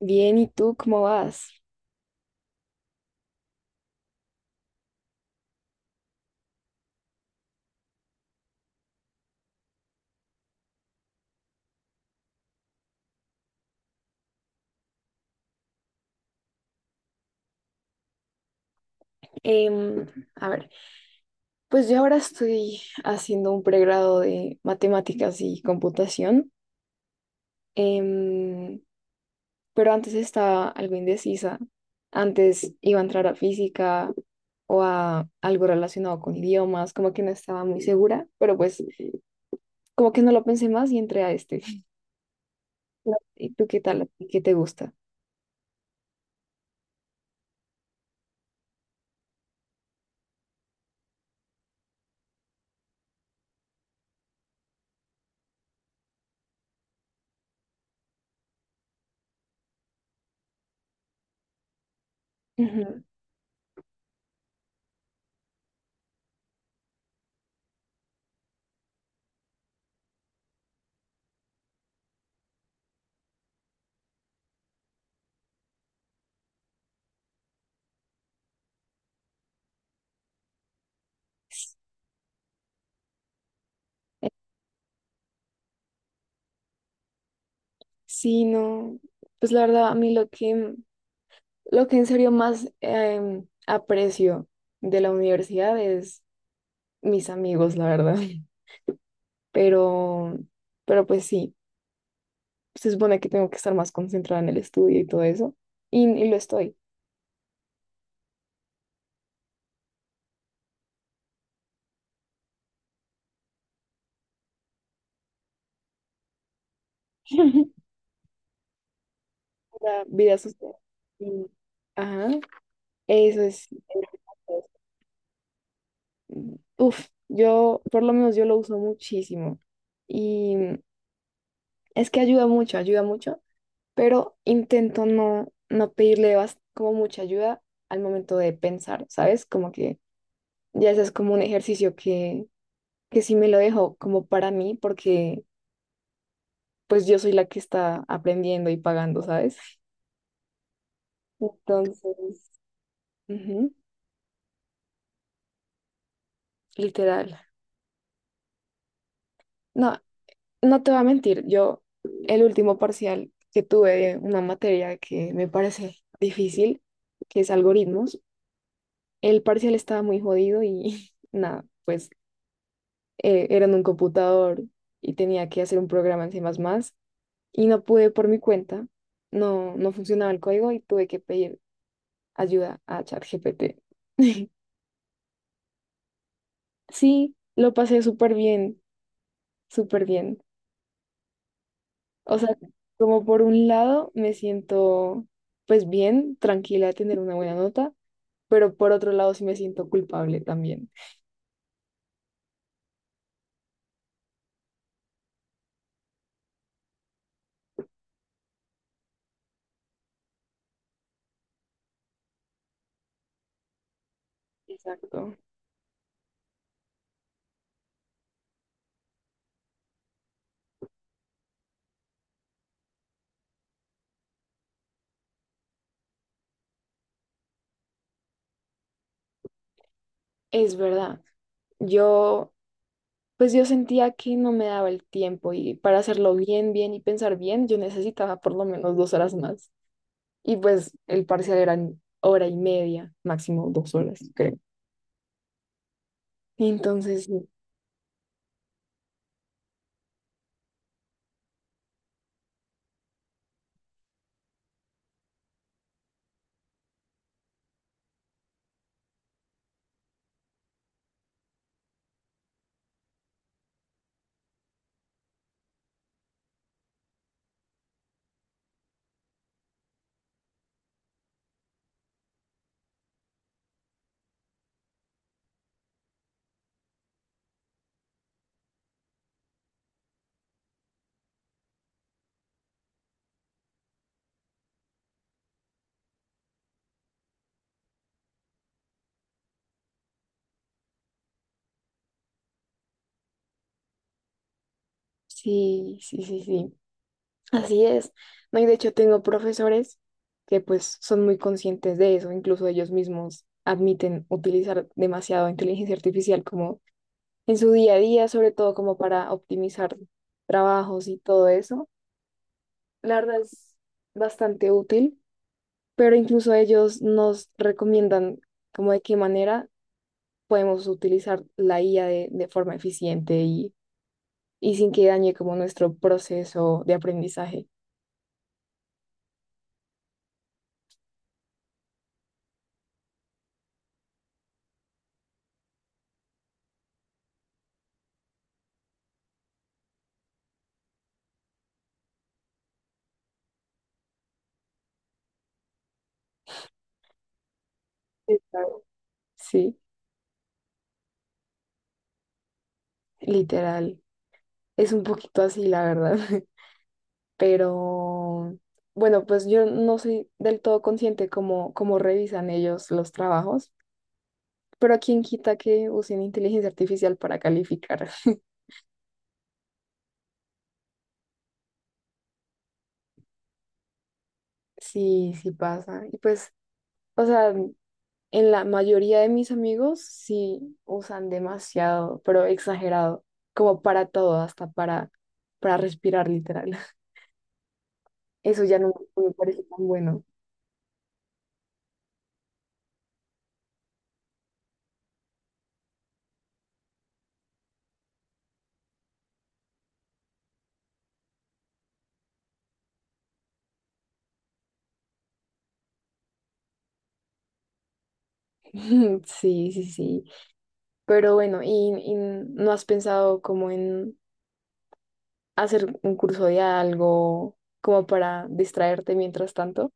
Bien, ¿y tú cómo vas? Em, a ver, pues yo ahora estoy haciendo un pregrado de matemáticas y computación, em, pero antes estaba algo indecisa. Antes iba a entrar a física o a algo relacionado con idiomas, como que no estaba muy segura, pero pues como que no lo pensé más y entré a este. ¿Y tú qué tal? ¿Qué te gusta? Ujú. Eh, Sí, no, pues la verdad, a mí lo que en serio más aprecio de la universidad es mis amigos, la verdad. Pero, pero pues sí, se supone que tengo que estar más concentrada en el estudio y todo eso, y lo estoy. La vida social. y- Ajá. Eso es. Uf, por lo menos yo lo uso muchísimo. Y es que ayuda mucho, pero intento no pedirle como mucha ayuda al momento de pensar, ¿sabes? Como que ya ese es como un ejercicio que sí me lo dejo como para mí, porque pues yo soy la que está aprendiendo y pagando, ¿sabes? Entonces, ujú, literal. No, no te voy a mentir, yo el último parcial que tuve de una materia que me parece difícil, que es algoritmos, el parcial estaba muy jodido y nada, pues era en un computador y tenía que hacer un programa en C++ y no pude por mi cuenta, no funcionaba el código y tuve que pedir ayuda a ChatGPT. Sí, lo pasé súper bien, súper bien. O sea, como por un lado me siento pues bien, tranquila de tener una buena nota, pero por otro lado sí me siento culpable también. Exacto. Es verdad. Yo pues yo sentía que no me daba el tiempo y para hacerlo bien, bien y pensar bien, yo necesitaba por lo menos 2 horas más. Y pues el parcial eran hora y media, máximo 2 horas, creo. Entonces, sí, sí, sí, sí, sí. Así es. No, y de hecho tengo profesores que pues son muy conscientes de eso, incluso ellos mismos admiten utilizar demasiado inteligencia artificial como en su día a día, sobre todo como para optimizar trabajos y todo eso. La verdad es bastante útil, pero incluso ellos nos recomiendan como de qué manera podemos utilizar la IA de forma eficiente y sin que dañe como nuestro proceso de aprendizaje. Está- Sí, literal. Es un poquito así, la verdad. Pero bueno, pues yo no soy del todo consciente cómo revisan ellos los trabajos, pero quién quita que usen inteligencia artificial para calificar. Sí, sí pasa. Y pues, o sea, en la mayoría de mis amigos sí usan demasiado, pero exagerado, como para todo, hasta para, respirar literal. Eso ya no me parece tan bueno. Sí, sí, sí. Pero bueno, y no has pensado como en hacer un curso de algo como para distraerte mientras tanto?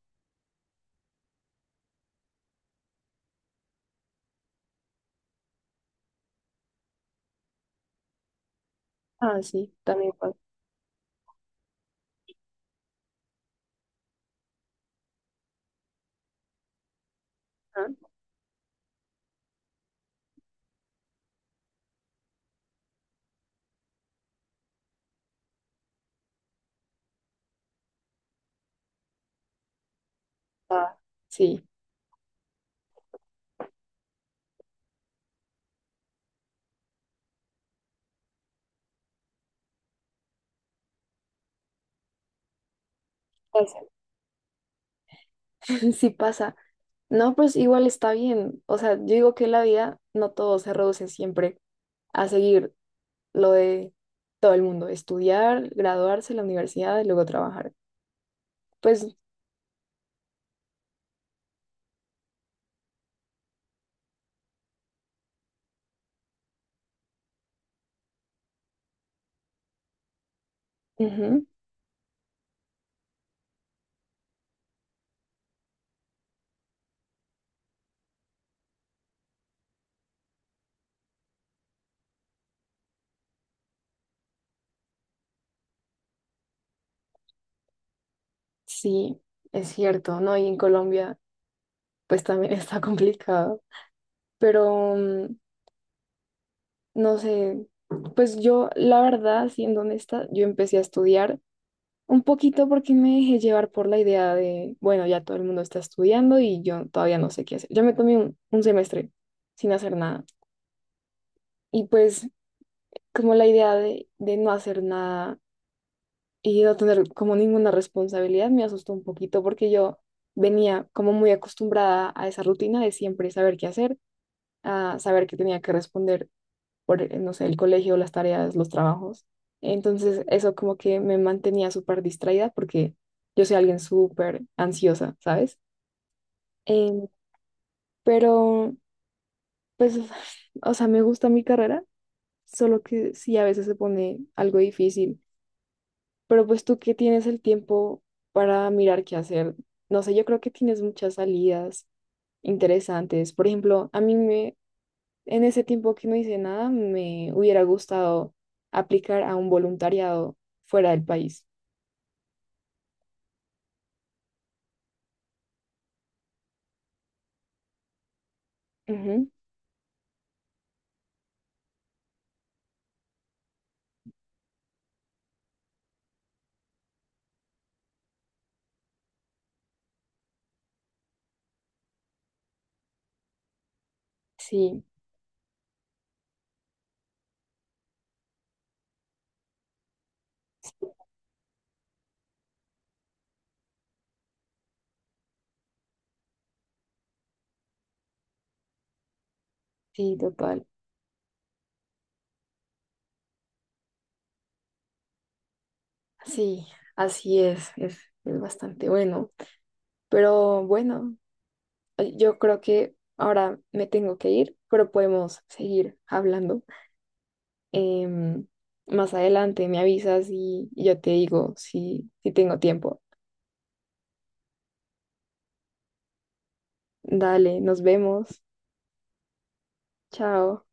Ah, sí, también pasa. Ah, ah, sí, pasa. Sí pasa. No, pues igual está bien. O sea, yo digo que la vida no todo se reduce siempre a seguir lo de todo el mundo, estudiar, graduarse en la universidad y luego trabajar. Pues ujú, sí, es cierto, ¿no? Y en Colombia, pues también está complicado. pero mm, no sé, pues yo la verdad, siendo honesta, yo empecé a estudiar un poquito porque me dejé llevar por la idea de, bueno, ya todo el mundo está estudiando y yo todavía no sé qué hacer. Yo me tomé un semestre sin hacer nada y pues como la idea de no hacer nada y no tener como ninguna responsabilidad me asustó un poquito porque yo venía como muy acostumbrada a esa rutina de siempre saber qué hacer, a saber que tenía que responder por, no sé, el colegio, las tareas, los trabajos. Entonces, eso como que me mantenía súper distraída porque yo soy alguien súper ansiosa, ¿sabes? Em, pero, pues, o sea, me gusta mi carrera, solo que sí a veces se pone algo difícil. Pero pues tú que tienes el tiempo para mirar qué hacer, no sé, yo creo que tienes muchas salidas interesantes. Por ejemplo, en ese tiempo que no hice nada, me hubiera gustado aplicar a un voluntariado fuera del país. Ujú. Sí, sí, total. Sí, así es bastante bueno. Pero bueno, yo creo que ahora me tengo que ir, pero podemos seguir hablando. Em, Más adelante me avisas y yo te digo si tengo tiempo. Dale, nos vemos. Chao.